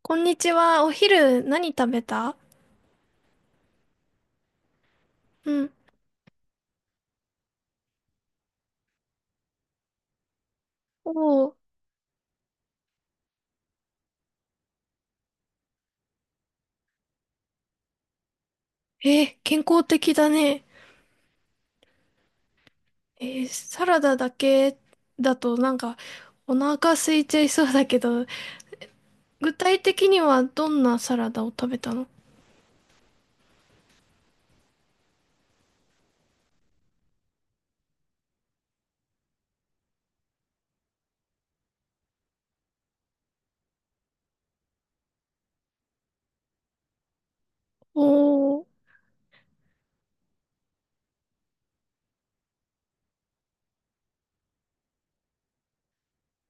こんにちは。お昼何食べた？うん。おー。えー、健康的だね。サラダだけだとなんかお腹空いちゃいそうだけど、具体的にはどんなサラダを食べたの？おー。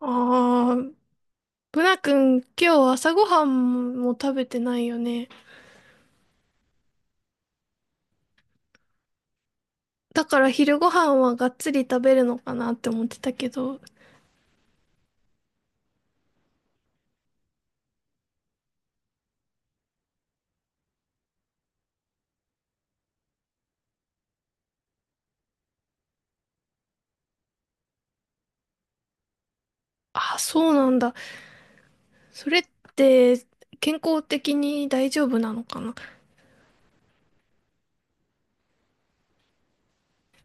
あー、ブナ君今日朝ごはんも食べてないよね。だから昼ごはんはがっつり食べるのかなって思ってたけど。あ、そうなんだ。それって健康的に大丈夫なのかな？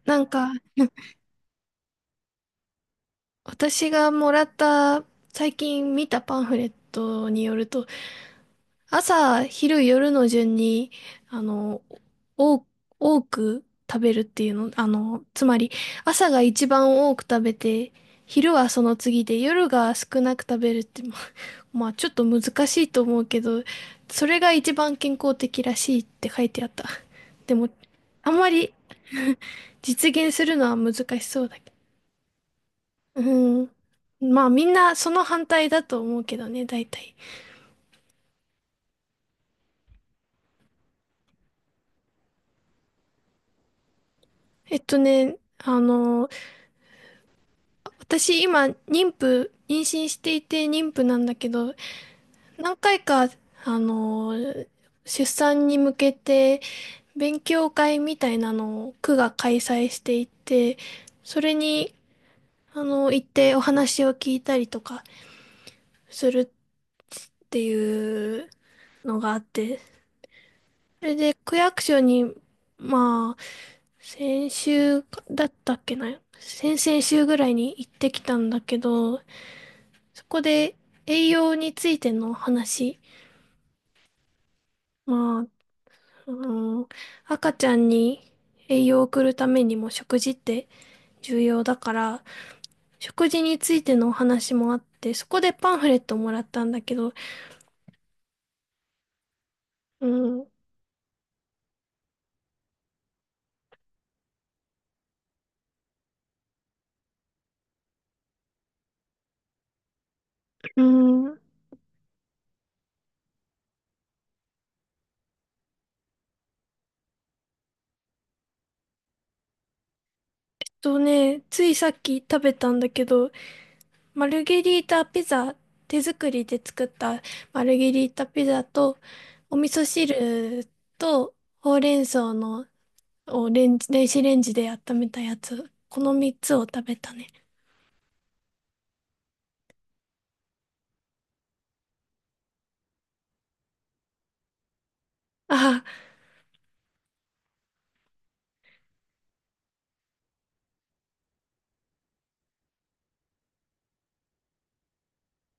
なんか、私がもらった最近見たパンフレットによると、朝昼夜の順にあの多多く食べるっていうの、つまり朝が一番多く食べて、昼はその次で、夜が少なく食べるって、まあちょっと難しいと思うけど、それが一番健康的らしいって書いてあった。でもあんまり、 実現するのは難しそうだけど。うん。まあみんなその反対だと思うけどね、大体。えっとね、あの、私今妊娠していて妊婦なんだけど、何回か、あの、出産に向けて勉強会みたいなのを区が開催していて、それに、行ってお話を聞いたりとかするっていうのがあって、それで区役所に、まあ、先週かだったっけな、先々週ぐらいに行ってきたんだけど、そこで栄養についての話、まあ、あの、赤ちゃんに栄養を送るためにも食事って重要だから、食事についてのお話もあって、そこでパンフレットもらったんだけど、うん。うん。とね、ついさっき食べたんだけど、マルゲリータピザ、手作りで作ったマルゲリータピザと、お味噌汁と、ほうれん草のをレンジ、電子レンジで温めたやつ、この3つを食べたね。あ、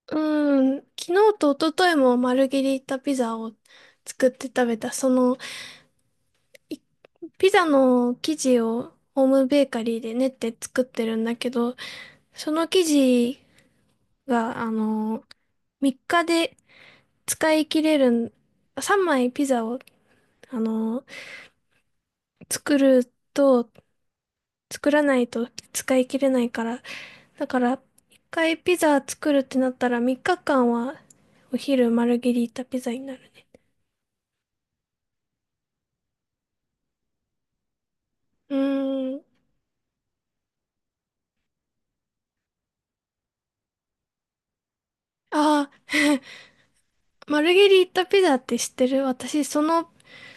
昨日と一昨日もマルゲリータピザを作って食べた。その、いピザの生地をホームベーカリーで練って作ってるんだけど、その生地が、3日で使い切れる、3枚ピザを、あの作ると、作らないと使い切れないから。だから、1回ピザ作るってなったら3日間はお昼マルゲリータピザになるね。うーん。ああ、マルゲリータピザって知ってる？私、その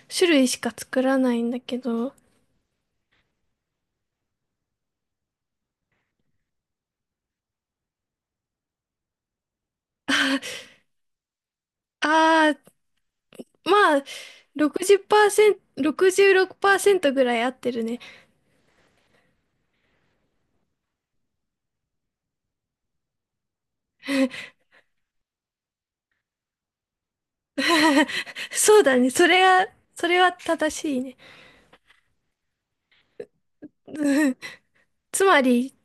種類しか作らないんだけど。ああ、まあ、6セ6トろくじゅうろくパーセントぐらい合ってるね。そうだね。それは正しいね。つまり、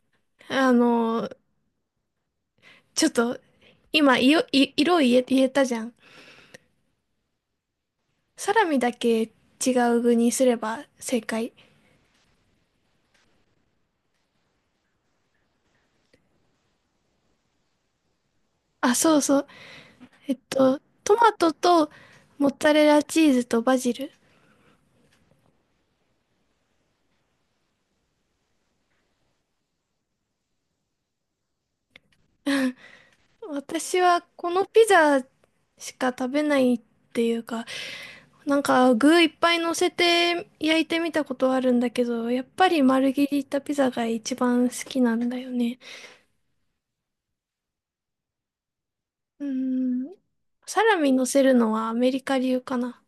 あの、ちょっと、今、いよい色を言えたじゃん。サラミだけ違う具にすれば正解。あ、そうそう。トマトとモッツァレラチーズとバジル。私はこのピザしか食べないっていうか、なんか具いっぱい乗せて焼いてみたことはあるんだけど、やっぱり丸切りいったピザが一番好きなんだよね。うーん。サラミ乗せるのはアメリカ流かな。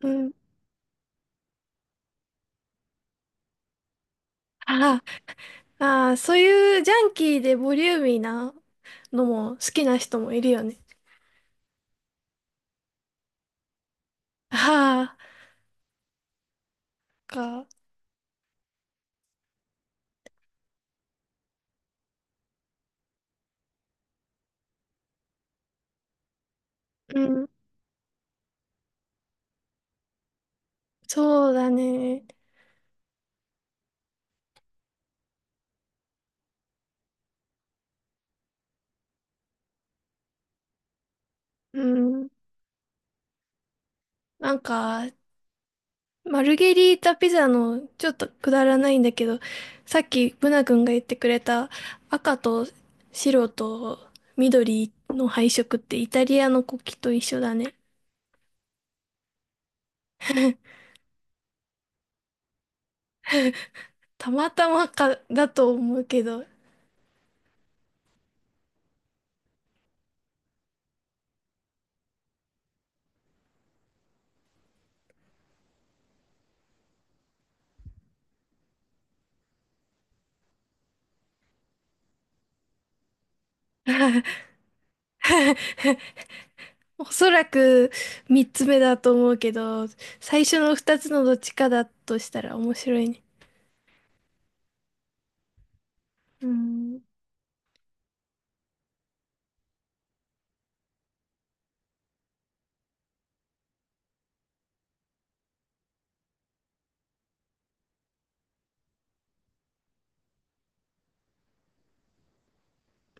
うん。ああ、ああ、そういうジャンキーでボリューミーなのも好きな人もいるよね。ああ、か。うん。そうだね。うん。なんか、マルゲリータピザのちょっとくだらないんだけど、さっきブナ君が言ってくれた赤と白と緑の配色って、イタリアの国旗と一緒だね。たまたまかだと思うけど、おそらく三つ目だと思うけど、最初の二つのどっちかだとしたら面白いね。うん。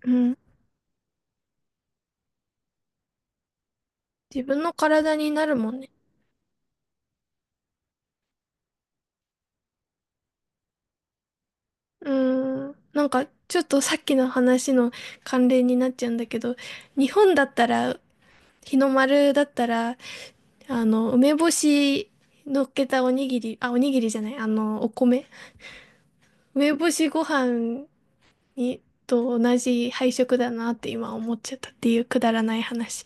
うん。自分の体になるもんね。うん。なんか、ちょっとさっきの話の関連になっちゃうんだけど、日本だったら、日の丸だったら、梅干し乗っけたおにぎり、あ、おにぎりじゃない、お米。梅干しご飯に、と同じ配色だなって今思っちゃったっていうくだらない話。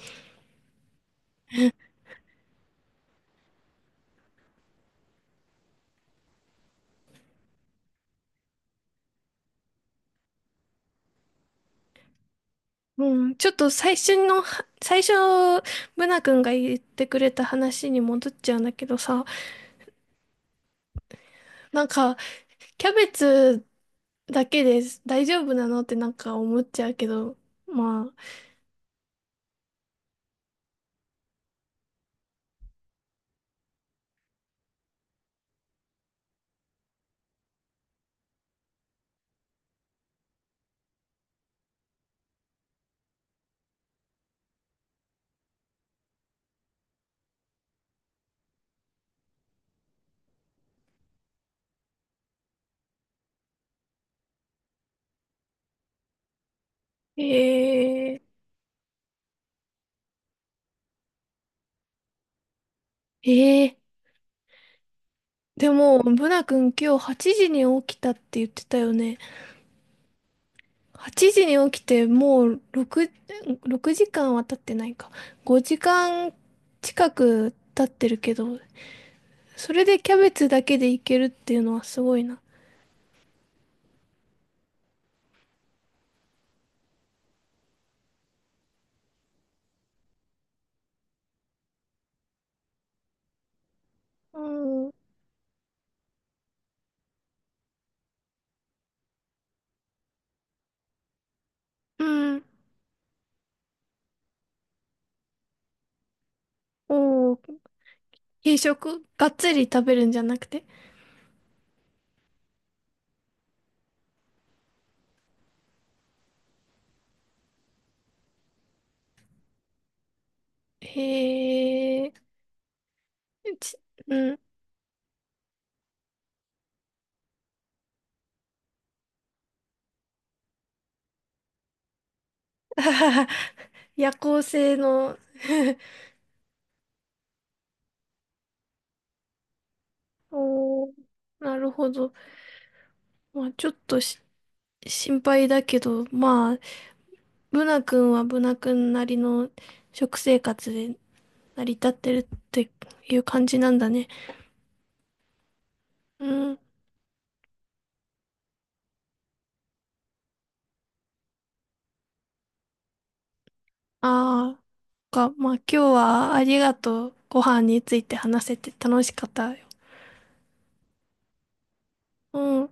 うん、ちょっと最初の最初、ブナ君が言ってくれた話に戻っちゃうんだけどさ、なんか、キャベツだけで大丈夫なのってなんか思っちゃうけど、まあ、えー、えー、でも、ブナ君今日8時に起きたって言ってたよね。8時に起きてもう6時間は経ってないか。5時間近く経ってるけど、それでキャベツだけでいけるっていうのはすごいな。おー、うん。おー、軽食がっつり食べるんじゃなくて。へえ、ち、うん。夜行性の。おー、なるほど。まあ、ちょっと心配だけど、まあ、ブナ君はブナ君なりの食生活で成り立ってるっていう感じなんだね。うん。ああ、まあ今日はありがとう。ご飯について話せて楽しかったよ。うん。